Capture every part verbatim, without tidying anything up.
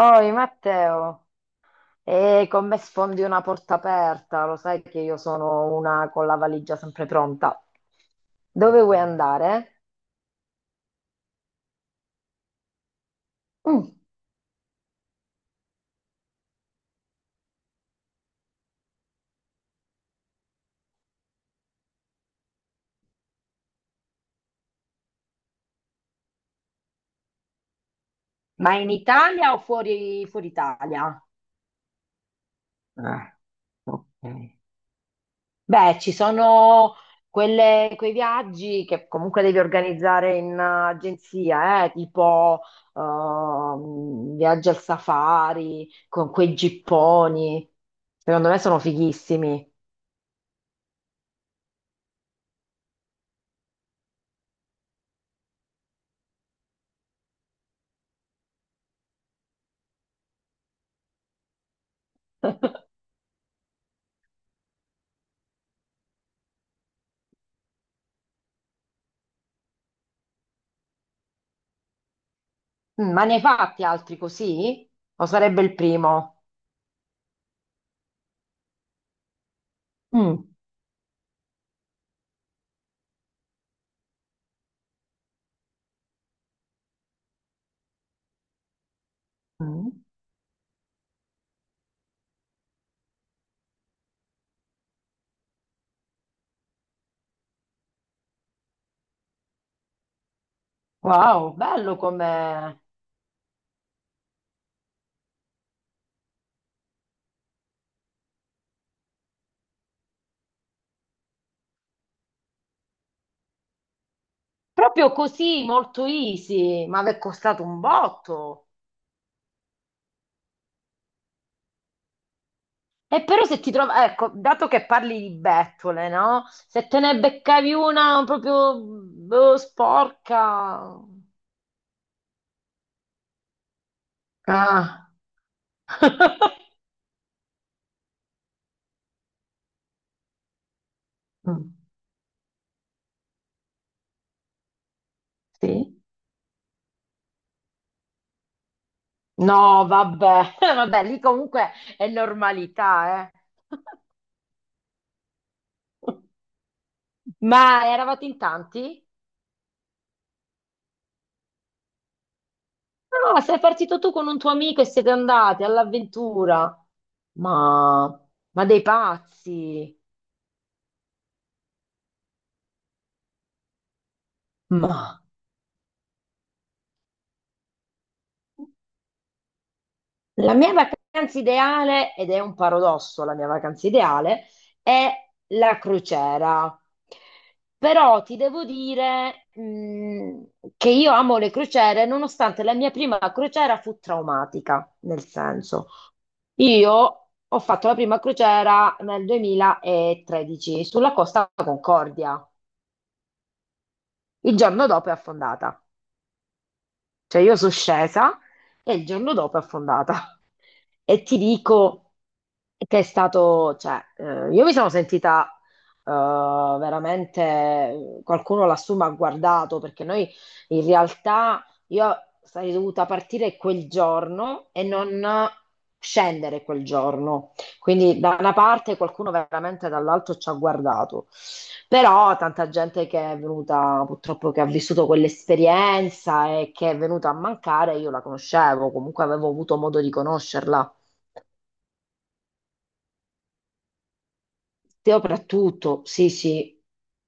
Oi Matteo, e con me sfondi una porta aperta, lo sai che io sono una con la valigia sempre pronta. Dove vuoi andare? Mm. Ma in Italia o fuori, fuori Italia? Ah, ok. Beh, ci sono quelle- quei viaggi che comunque devi organizzare in eh, agenzia, eh, tipo ehm, viaggi al safari con quei gipponi. Secondo me sono fighissimi. Mm, ma ne hai fatti altri così? O sarebbe il primo? Mm. Mm. Wow, bello com'è. Proprio così, molto easy, ma mi è costato un botto. E però se ti trovi, ecco, dato che parli di bettole, no? Se te ne beccavi una proprio boh, sporca. Ah. Mm. Sì. No, vabbè, vabbè, lì comunque è normalità, eh. Ma eravate in tanti? Ah, sei partito tu con un tuo amico e siete andati all'avventura. Ma, ma dei pazzi. Ma la mia vacanza ideale, ed è un paradosso, la mia vacanza ideale è la crociera. Però ti devo dire, mh, che io amo le crociere, nonostante la mia prima crociera fu traumatica, nel senso, io ho fatto la prima crociera nel duemilatredici sulla Costa Concordia. Il giorno dopo è affondata. Cioè io sono scesa e il giorno dopo è affondata. E ti dico che è stato, cioè, eh, io mi sono sentita eh, veramente, qualcuno lassù mi ha guardato perché noi in realtà io sarei dovuta partire quel giorno e non scendere quel giorno. Quindi da una parte qualcuno veramente dall'altro ci ha guardato, però tanta gente che è venuta purtroppo che ha vissuto quell'esperienza e che è venuta a mancare, io la conoscevo, comunque avevo avuto modo di conoscerla. Soprattutto, sì, sì.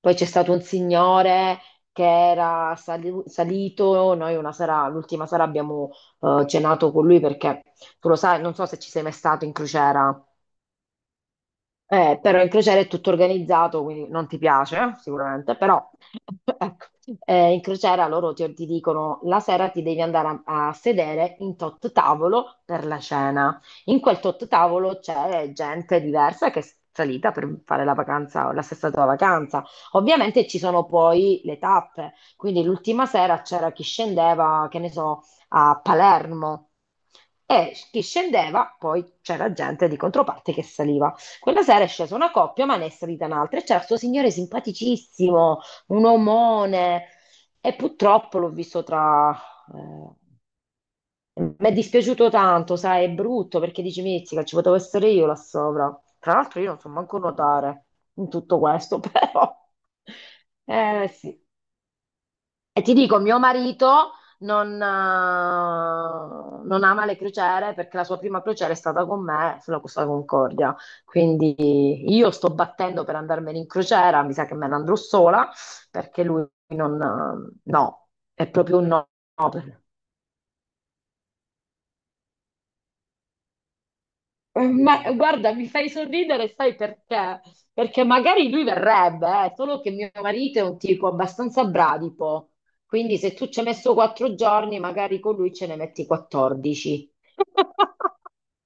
Poi c'è stato un signore che era sali- salito, noi una sera, l'ultima sera abbiamo eh, cenato con lui perché tu lo sai, non so se ci sei mai stato in crociera. Eh, però in crociera è tutto organizzato, quindi non ti piace, eh, sicuramente, però ecco, eh, in crociera loro ti, ti dicono la sera ti devi andare a, a sedere in tot tavolo per la cena. In quel tot tavolo c'è gente diversa che è salita per fare la vacanza, la stessa tua vacanza. Ovviamente ci sono poi le tappe, quindi l'ultima sera c'era chi scendeva, che ne so, a Palermo e chi scendeva, poi c'era gente di controparte che saliva. Quella sera è scesa una coppia, ma ne è salita un'altra e c'era questo signore simpaticissimo, un omone. E purtroppo l'ho visto tra... eh, mi è dispiaciuto tanto, sai, è brutto perché dici, mizzica, ci potevo essere io là sopra. Tra l'altro io non so manco nuotare in tutto questo, però... Eh sì. E ti dico, mio marito non, eh, non ama le crociere perché la sua prima crociera è stata con me sulla Costa Concordia. Quindi io sto battendo per andarmene in crociera, mi sa che me ne andrò sola perché lui non... eh, no, è proprio un no. Ma guarda, mi fai sorridere, sai perché? Perché magari lui verrebbe, eh, solo che mio marito è un tipo abbastanza bradipo, quindi se tu ci hai messo quattro giorni, magari con lui ce ne metti quattordici.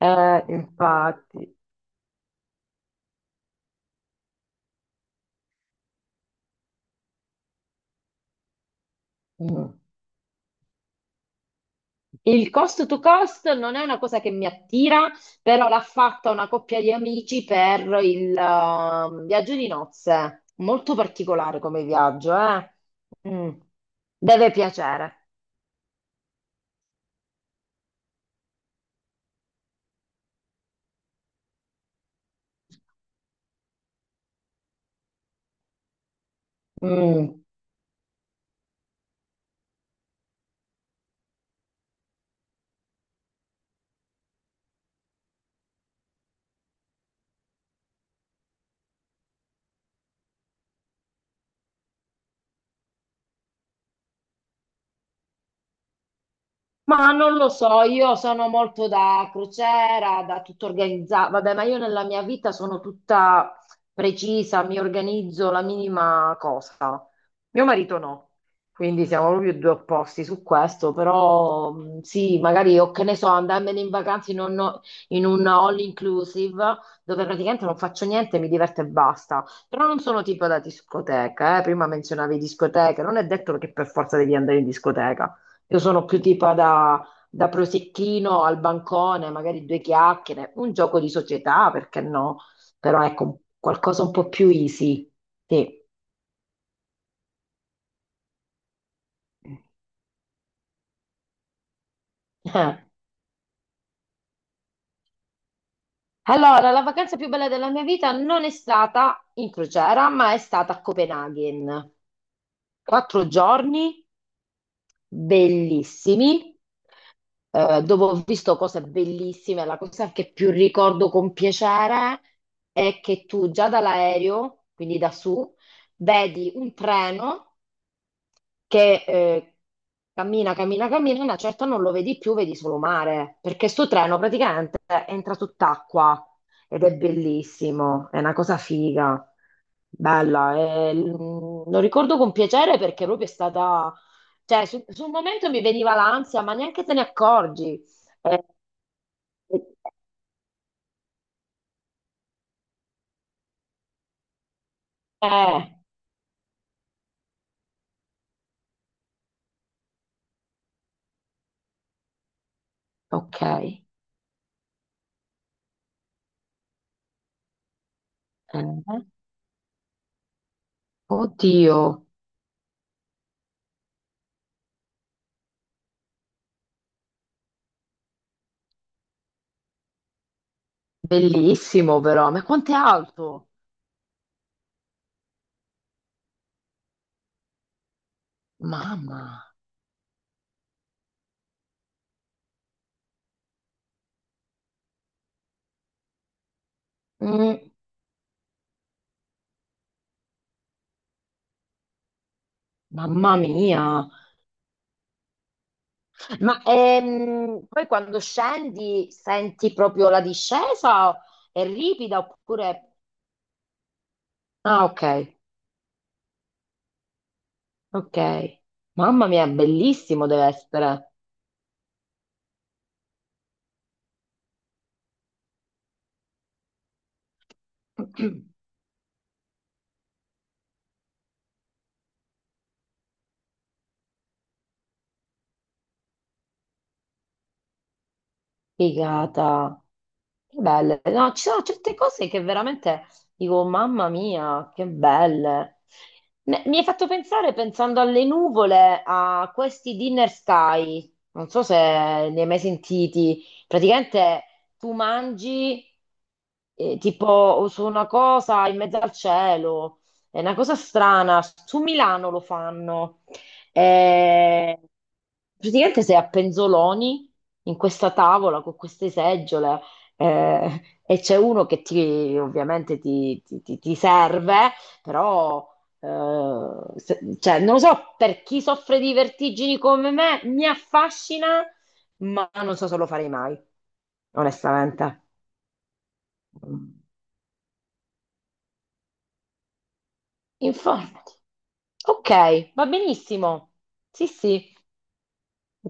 Eh, infatti. Mm. Il cost to cost non è una cosa che mi attira, però l'ha fatta una coppia di amici per il ehm, viaggio di nozze. Molto particolare come viaggio, eh? Mm. Deve piacere. Mm. Ma non lo so, io sono molto da crociera, da tutto organizzato. Vabbè, ma io nella mia vita sono tutta precisa, mi organizzo la minima cosa. Mio marito no, quindi siamo proprio due opposti su questo, però mh, sì, magari o che ne so, andarmene in vacanza in un, in un all inclusive dove praticamente non faccio niente, mi diverto e basta. Però non sono tipo da discoteca, eh. Prima menzionavi discoteche, non è detto che per forza devi andare in discoteca. Io sono più tipo da, da prosecchino al bancone, magari due chiacchiere, un gioco di società, perché no? Però ecco, un- qualcosa un po' più easy. Sì. Eh. Allora, la vacanza più bella della mia vita non è stata in crociera, ma è stata a Copenaghen. Quattro giorni bellissimi eh, dove ho visto cose bellissime, la cosa che più ricordo con piacere è che tu già dall'aereo, quindi da su, vedi un treno che eh, cammina, cammina, cammina, una certa non lo vedi più, vedi solo mare, perché sto treno praticamente entra sott'acqua ed è bellissimo, è una cosa figa, bella, e, mm, lo ricordo con piacere perché proprio è stata, cioè su- sul momento mi veniva l'ansia, ma neanche te ne accorgi. Eh, eh, eh, ok, eh, oddio, bellissimo però, ma quanto è alto? Mamma. Mm. Mamma mia, ma ehm, poi quando scendi senti proprio la discesa? È ripida oppure... Ah, ok, ok. Mamma mia, bellissimo deve essere. Figata, che belle. No, ci sono certe cose che veramente dico, mamma mia, che belle. Ne- Mi hai fatto pensare, pensando alle nuvole, a questi dinner sky. Non so se ne hai mai sentiti. Praticamente tu mangi eh, tipo su una cosa in mezzo al cielo. È una cosa strana. Su Milano lo fanno. Eh, praticamente sei a penzoloni in questa tavola con queste seggiole eh, e c'è uno che ti, ovviamente ti, ti- ti- ti serve, però eh, se- cioè, non lo so, per chi soffre di vertigini come me, mi affascina, ma non so se lo farei mai, onestamente. Informati. Ok, va benissimo. Sì, sì.